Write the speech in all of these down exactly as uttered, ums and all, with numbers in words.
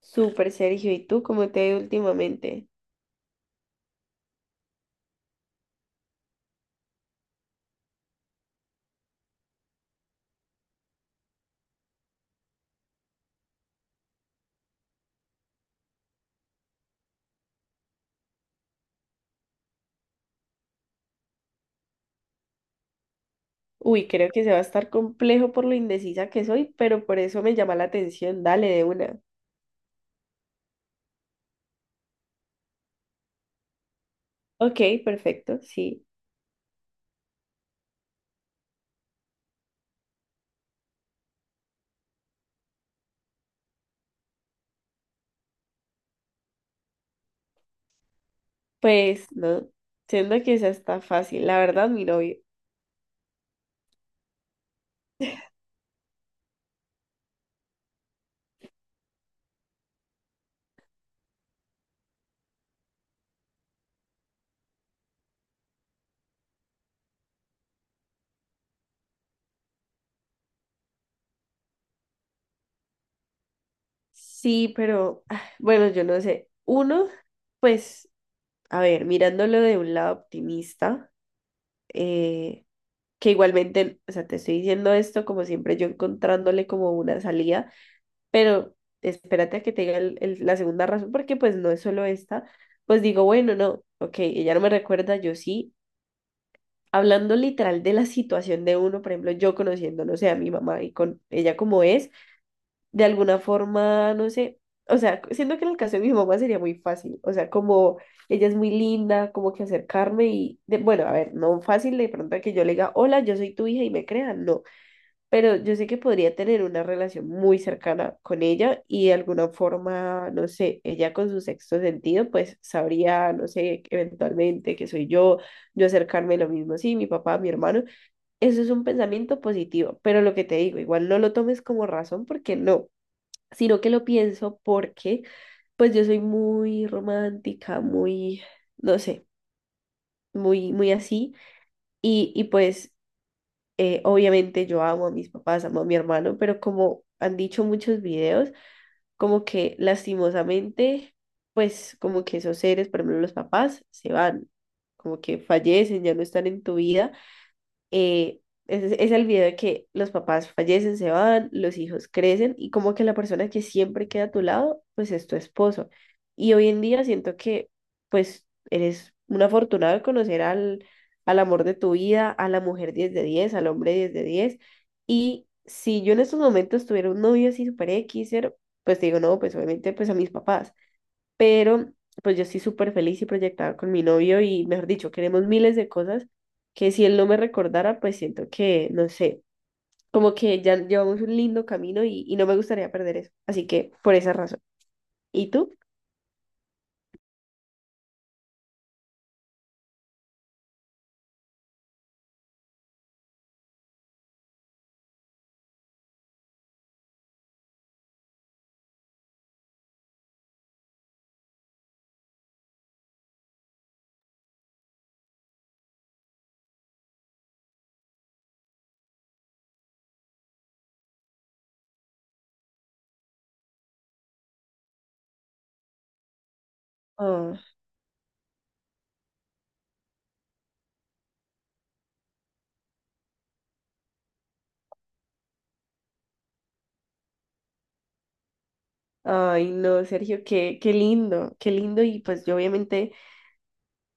Súper, Sergio. ¿Y tú cómo te ha ido últimamente? Uy, creo que se va a estar complejo por lo indecisa que soy, pero por eso me llama la atención. Dale de una. Ok, perfecto, sí. Pues no, siento que esa está fácil. La verdad, mi novio. Sí, pero ah, bueno, yo no sé. Uno, pues, a ver, mirándolo de un lado optimista, eh, que igualmente, o sea, te estoy diciendo esto como siempre, yo encontrándole como una salida. Pero espérate a que te diga el- el- la segunda razón, porque pues no es solo esta. Pues digo, bueno, no, ok, ella no me recuerda, yo sí, hablando literal de la situación de uno. Por ejemplo, yo conociendo, no sé, a mi mamá y con ella como es, de alguna forma, no sé, o sea, siento que en el caso de mi mamá sería muy fácil, o sea, como ella es muy linda, como que acercarme y, de- bueno, a ver, no fácil de pronto que yo le diga, hola, yo soy tu hija y me crean, no. Pero yo sé que podría tener una relación muy cercana con ella y de alguna forma, no sé, ella con su sexto sentido, pues sabría, no sé, eventualmente que soy yo, yo acercarme lo mismo, sí, mi papá, mi hermano. Eso es un pensamiento positivo, pero lo que te digo, igual no lo tomes como razón porque no, sino que lo pienso porque, pues yo soy muy romántica, muy, no sé, muy, muy así. Y, y pues eh, obviamente yo amo a mis papás, amo a mi hermano, pero como han dicho muchos videos, como que lastimosamente, pues como que esos seres, por ejemplo los papás, se van, como que fallecen, ya no están en tu vida. eh, es, es el video de que los papás fallecen, se van, los hijos crecen y como que la persona que siempre queda a tu lado, pues es tu esposo. Y hoy en día siento que pues eres un afortunado de conocer al, al amor de tu vida, a la mujer diez de diez, al hombre diez de diez. Y si yo en estos momentos tuviera un novio así super X, pues te digo, no, pues obviamente pues a mis papás, pero pues yo estoy súper feliz y proyectada con mi novio y, mejor dicho, queremos miles de cosas que si él no me recordara, pues siento que, no sé, como que ya llevamos un lindo camino y, y no me gustaría perder eso. Así que por esa razón. ¿Y tú? Ah, ay, no, Sergio, qué, qué lindo, qué lindo. Y pues yo obviamente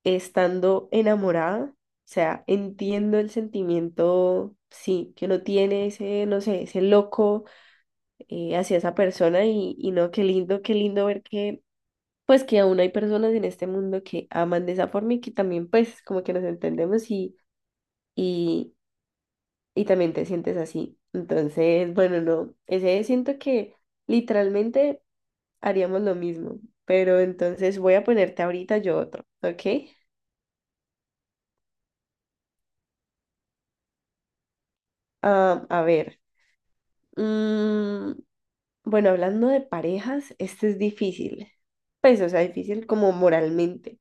estando enamorada, o sea, entiendo el sentimiento, sí, que uno tiene ese, no sé, ese loco eh, hacia esa persona y, y no, qué lindo, qué lindo ver que pues que aún hay personas en este mundo que aman de esa forma y que también pues como que nos entendemos y, y, y también te sientes así. Entonces, bueno, no, ese siento que literalmente haríamos lo mismo, pero entonces voy a ponerte ahorita yo otro, ¿ok? Ah, a ver, mm, bueno, hablando de parejas, este es difícil, pues o sea, difícil como moralmente.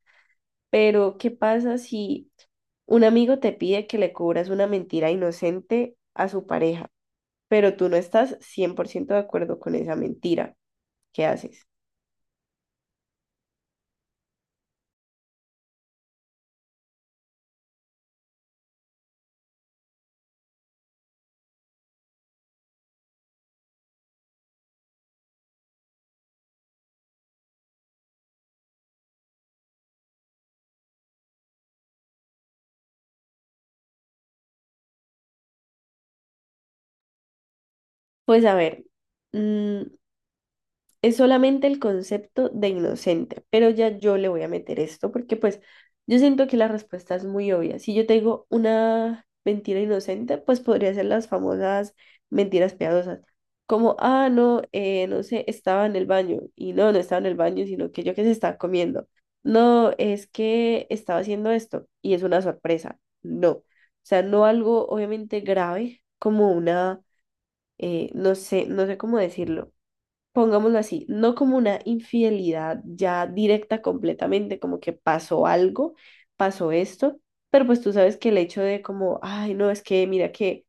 Pero, ¿qué pasa si un amigo te pide que le cubras una mentira inocente a su pareja, pero tú no estás cien por ciento de acuerdo con esa mentira? ¿Qué haces? Pues a ver, mm, es solamente el concepto de inocente, pero ya yo le voy a meter esto porque pues yo siento que la respuesta es muy obvia. Si yo te digo una mentira inocente, pues podría ser las famosas mentiras piadosas, como, ah, no, eh, no sé, estaba en el baño y no, no estaba en el baño, sino que yo que se estaba comiendo. No, es que estaba haciendo esto y es una sorpresa. No, o sea, no algo obviamente grave como una, eh, no sé, no sé cómo decirlo. Pongámoslo así, no como una infidelidad ya directa completamente, como que pasó algo, pasó esto, pero pues tú sabes que el hecho de como, ay, no, es que mira que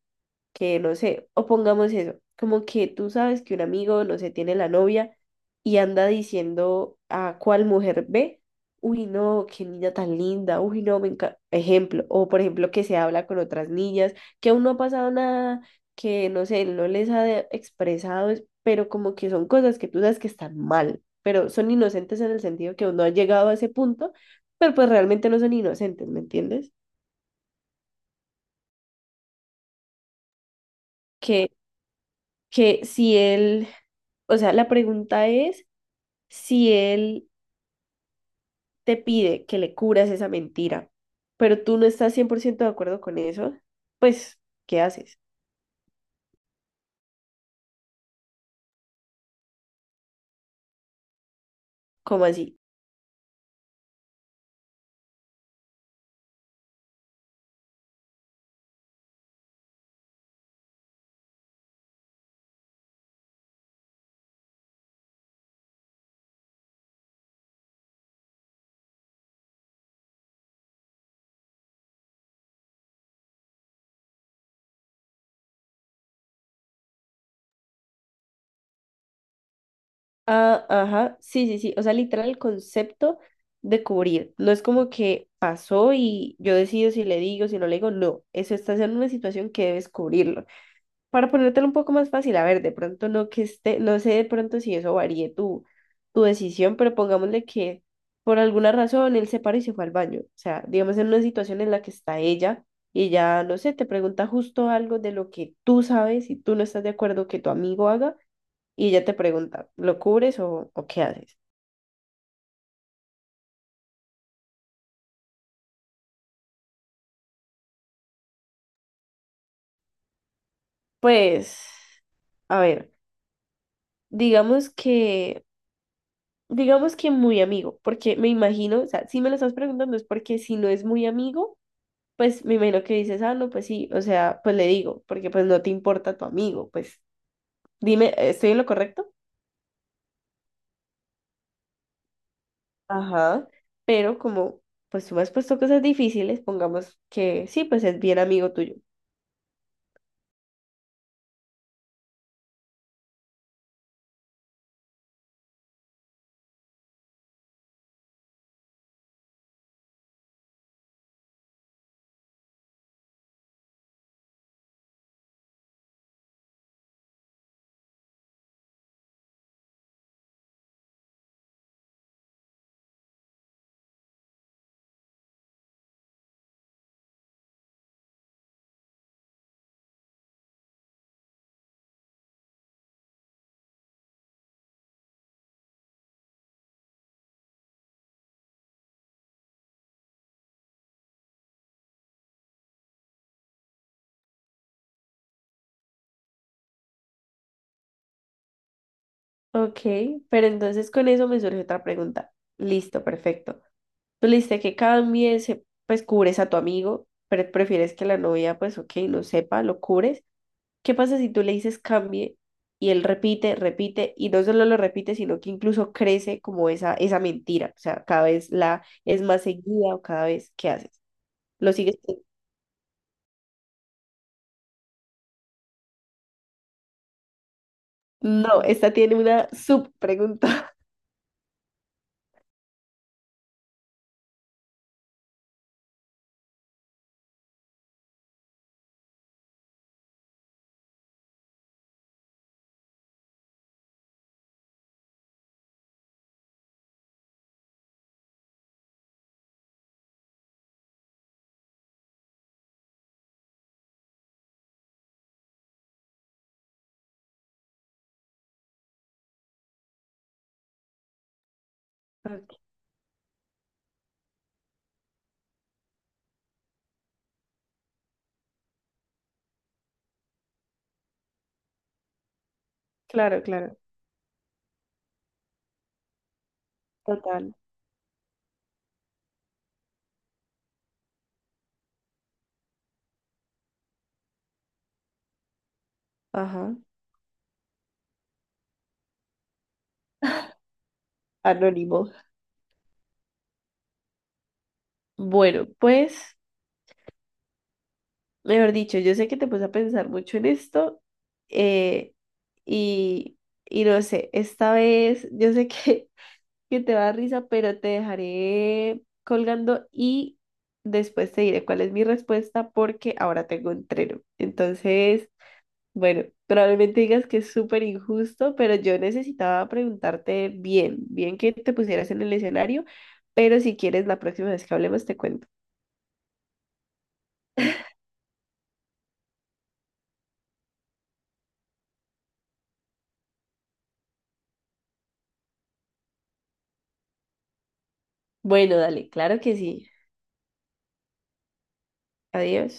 que no sé, o pongamos eso, como que tú sabes que un amigo, no sé, tiene la novia y anda diciendo a cuál mujer ve, uy, no, qué niña tan linda, uy, no, me encanta, ejemplo, o por ejemplo que se habla con otras niñas, que aún no ha pasado nada, que no sé, él no les ha de- expresado, es- pero como que son cosas que tú sabes que están mal, pero son inocentes en el sentido que uno ha llegado a ese punto, pero pues realmente no son inocentes, ¿me entiendes? que que si él, o sea, la pregunta es si él te pide que le curas esa mentira, pero tú no estás cien por ciento de acuerdo con eso, pues, ¿qué haces? ¿Cómo así? Ah, ajá, sí, sí, sí, o sea, literal el concepto de cubrir, no es como que pasó y yo decido si le digo, si no le digo, no, eso estás en una situación que debes cubrirlo. Para ponértelo un poco más fácil, a ver, de pronto no que esté, no sé de pronto si eso varíe tu, tu decisión, pero pongámosle que por alguna razón él se paró y se fue al baño. O sea, digamos en una situación en la que está ella y ya, no sé, te pregunta justo algo de lo que tú sabes y tú no estás de acuerdo que tu amigo haga y ella te pregunta, ¿lo cubres o, o qué haces? Pues, a ver, digamos que, digamos que muy amigo, porque me imagino, o sea, si me lo estás preguntando es porque si no es muy amigo pues me imagino que dices, ah, no, pues sí, o sea, pues le digo, porque pues no te importa tu amigo, pues dime, ¿estoy en lo correcto? Ajá, pero como pues tú me has puesto cosas difíciles, pongamos que sí, pues es bien amigo tuyo. Ok, pero entonces con eso me surge otra pregunta. Listo, perfecto. Tú le diste que cambies, eh, pues cubres a tu amigo, pero prefieres que la novia, pues ok, no sepa, lo cubres. ¿Qué pasa si tú le dices cambie y él repite, repite y no solo lo repite, sino que incluso crece como esa, esa mentira? O sea, cada vez la es más seguida o cada vez que haces. ¿Lo sigues? No, esta tiene una subpregunta. Ok, claro, claro. Total. Ajá. Anónimo. Bueno, pues, mejor dicho, yo sé que te puse a pensar mucho en esto, eh, y, y no sé, esta vez yo sé que que te va a dar risa, pero te dejaré colgando y después te diré cuál es mi respuesta porque ahora tengo entreno. Entonces, bueno, probablemente digas que es súper injusto, pero yo necesitaba preguntarte bien, bien que te pusieras en el escenario, pero si quieres la próxima vez que hablemos te cuento. Bueno, dale, claro que sí. Adiós.